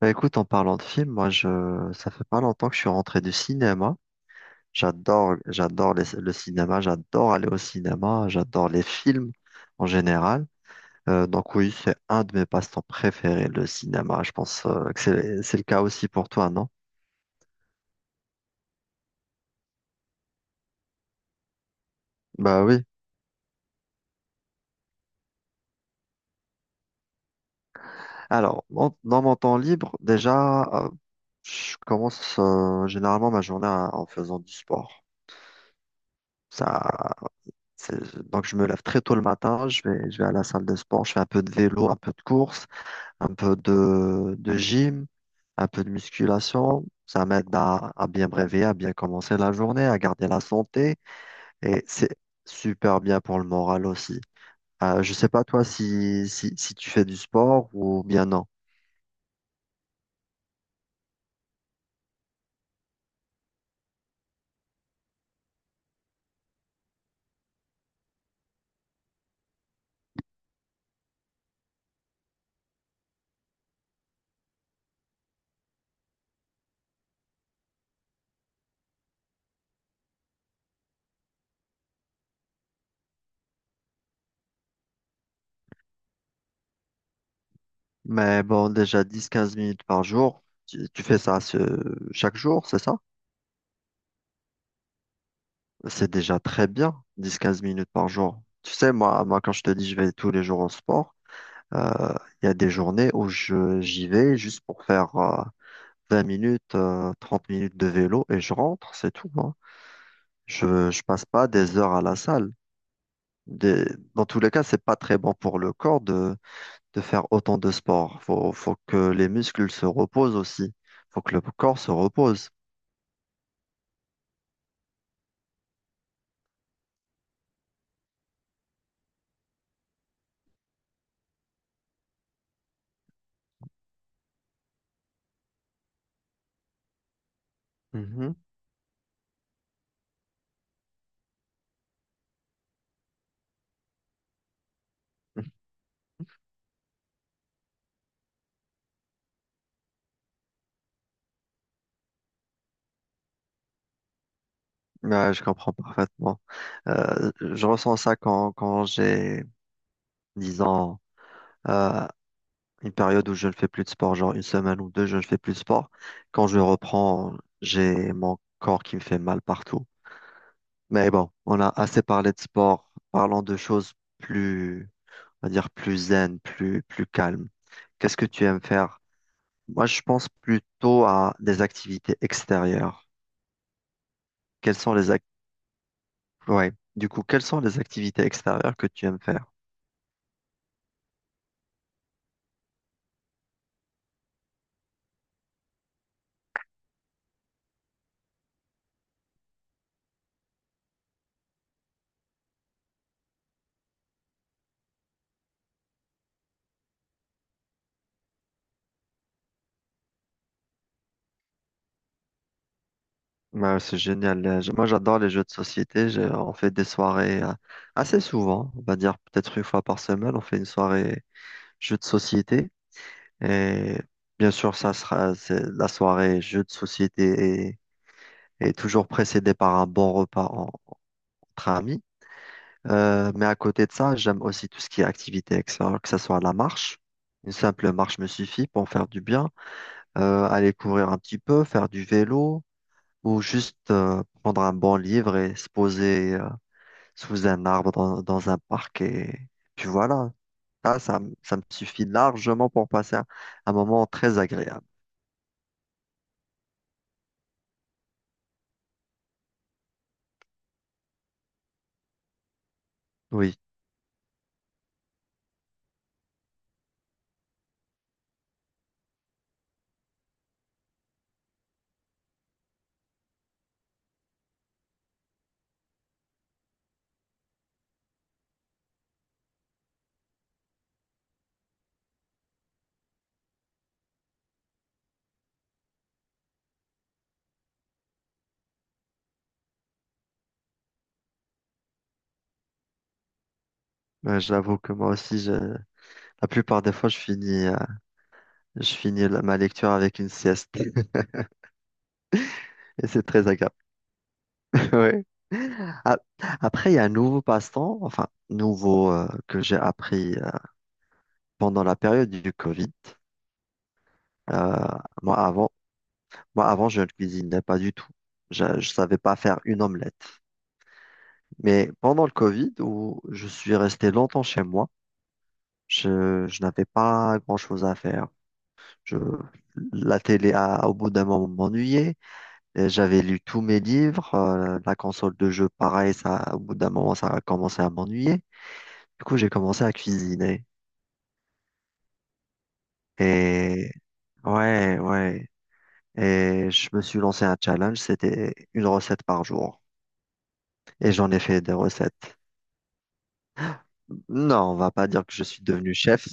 Bah écoute, en parlant de films, moi je ça fait pas longtemps que je suis rentré du cinéma. Le cinéma, j'adore aller au cinéma, j'adore les films en général. Donc oui, c'est un de mes passe-temps préférés, le cinéma. Je pense que c'est le cas aussi pour toi, non? Bah oui. Alors, dans mon temps libre, déjà, je commence généralement ma journée en faisant du sport. Ça, c'est- donc je me lève très tôt le matin, je vais à la salle de sport, je fais un peu de vélo, un peu de course. Un peu de gym, un peu de musculation. Ça m'aide à bien me réveiller, à bien commencer la journée, à garder la santé. Et c'est super bien pour le moral aussi. Je sais pas toi si tu fais du sport ou bien non. Mais bon, déjà dix quinze minutes par jour, tu fais ça chaque jour, c'est ça? C'est déjà très bien, dix quinze minutes par jour. Tu sais, quand je te dis je vais tous les jours au sport, euh, il y a des journées où j'y vais juste pour faire 20 minutes, 30 minutes de vélo et je rentre, c'est tout, hein. Je passe pas des heures à la salle. Des- Dans tous les cas, c'est pas très bon pour le corps de faire autant de sport. Faut que les muscles se reposent aussi. Faut que le corps se repose. Mhm. Ouais, je comprends parfaitement. Je ressens ça quand j'ai, disons, euh, une période où je ne fais plus de sport, genre une semaine ou deux, je ne fais plus de sport. Quand je reprends, j'ai mon corps qui me fait mal partout. Mais bon, on a assez parlé de sport. Parlons de choses plus, on va dire plus zen, plus calmes. Qu'est-ce que tu aimes faire? Moi, je pense plutôt à des activités extérieures. Quelles sont les ac- Ouais. Du coup, quelles sont les activités extérieures que tu aimes faire? Ouais, c'est génial. Moi, j'adore les jeux de société. On fait des soirées assez souvent. On va dire peut-être une fois par semaine. On fait une soirée jeux de société. Et bien sûr, ça sera c'est la soirée jeux de société et toujours précédé par un bon repas entre amis. Mais à côté de ça, j'aime aussi tout ce qui est activité extérieure, que ce soit la marche. Une simple marche me suffit pour faire du bien, aller courir un petit peu, faire du vélo ou juste prendre un bon livre et se poser sous un arbre dans un parc. Et puis voilà, ça me suffit largement pour passer un moment très agréable. Oui, j'avoue que moi aussi, la plupart des fois, je finis ma lecture avec une sieste. Et c'est très agréable. Ouais. A- Après, il y a un nouveau passe-temps, enfin, nouveau que j'ai appris pendant la période du Covid. Euh, moi, avant, moi, avant, je ne cuisinais pas du tout. Je ne savais pas faire une omelette. Mais pendant le Covid, où je suis resté longtemps chez moi, je n'avais pas grand-chose à faire. Je, la télé, au bout d'un moment, m'ennuyait. Et j'avais lu tous mes livres. Euh, la console de jeu, pareil, ça, au bout d'un moment, ça a commencé à m'ennuyer. Du coup, j'ai commencé à cuisiner. Et ouais, ouais. Et je me suis lancé un challenge, c'était une recette par jour. Et j'en ai fait des recettes. Non, on va pas dire que je suis devenu chef,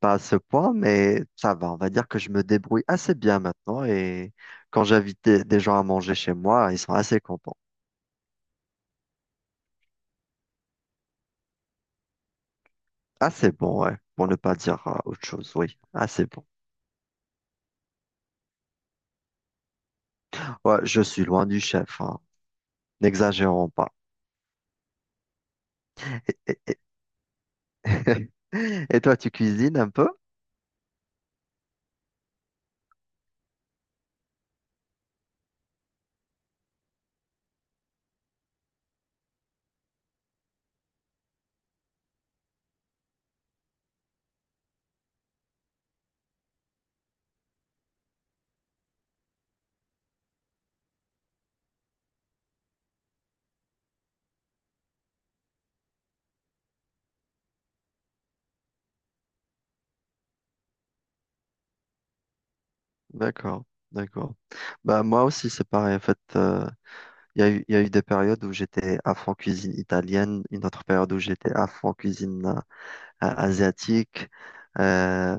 pas à ce point, mais ça va. On va dire que je me débrouille assez bien maintenant. Et quand j'invite des gens à manger chez moi, ils sont assez contents. Assez bon, ouais. Pour ne pas dire autre chose, oui. Assez bon. Ouais, je suis loin du chef, hein. N'exagérons pas. Et, et- et toi, tu cuisines un peu? D'accord, d'accord. Bah moi aussi c'est pareil. En fait, il y a eu des périodes où j'étais à fond cuisine italienne, une autre période où j'étais à fond cuisine asiatique, euh,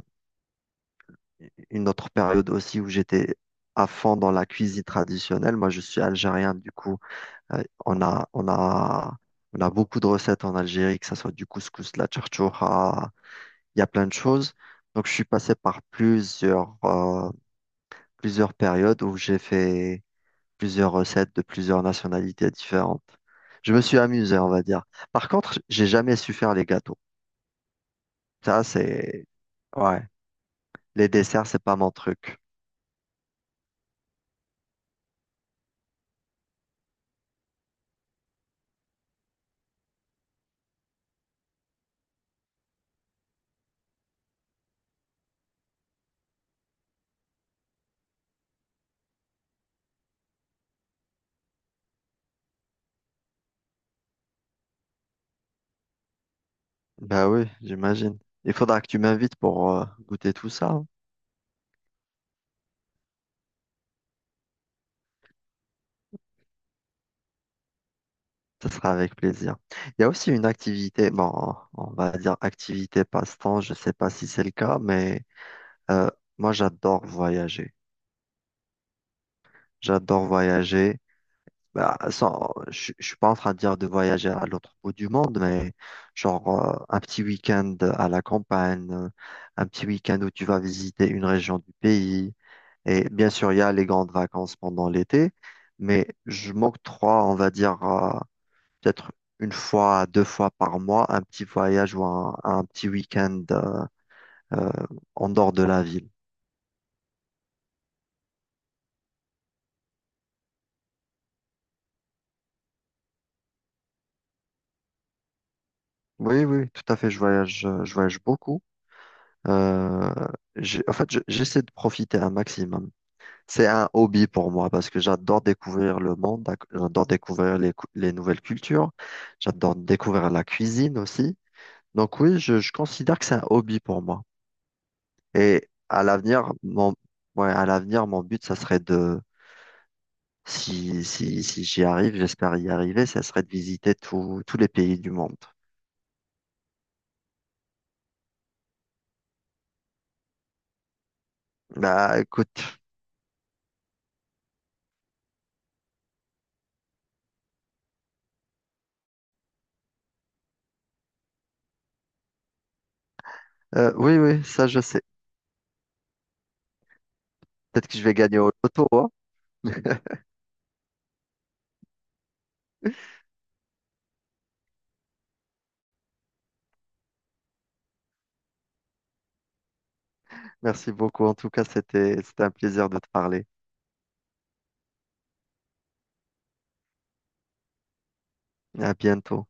une autre période aussi où j'étais à fond dans la cuisine traditionnelle. Moi je suis algérien, du coup euh, on a on a on a beaucoup de recettes en Algérie, que ce soit du couscous, la charchoura, il y a plein de choses. Donc je suis passé par plusieurs plusieurs périodes où j'ai fait plusieurs recettes de plusieurs nationalités différentes. Je me suis amusé, on va dire. Par contre, j'ai jamais su faire les gâteaux. Ça, c'est... Ouais, les desserts, c'est pas mon truc. Bah oui, j'imagine. Il faudra que tu m'invites pour goûter tout ça, hein. Ça sera avec plaisir. Il y a aussi une activité, bon, on va dire activité passe-temps, je sais pas si c'est le cas, mais euh, moi j'adore voyager. J'adore voyager. Bah, sans, je suis pas en train de dire de voyager à l'autre bout du monde, mais genre un petit week-end à la campagne, un petit week-end où tu vas visiter une région du pays. Et bien sûr, il y a les grandes vacances pendant l'été, mais je m'octroie, on va dire, peut-être une fois, deux fois par mois, un petit voyage ou un petit week-end euh, en dehors de la ville. Oui, oui, tout à fait, je voyage beaucoup. Euh, En fait, j'essaie de profiter un maximum. C'est un hobby pour moi parce que j'adore découvrir le monde, j'adore découvrir les nouvelles cultures, j'adore découvrir la cuisine aussi. Donc oui, je considère que c'est un hobby pour moi. Et à l'avenir, mon, ouais, à l'avenir, mon but, ça serait de, si j'y arrive, j'espère y arriver, ça serait de visiter tous les pays du monde. Bah écoute, oui, oui, ça je sais. Peut-être que je vais gagner au loto, hein. Merci beaucoup. En tout cas, c'était un plaisir de te parler. À bientôt.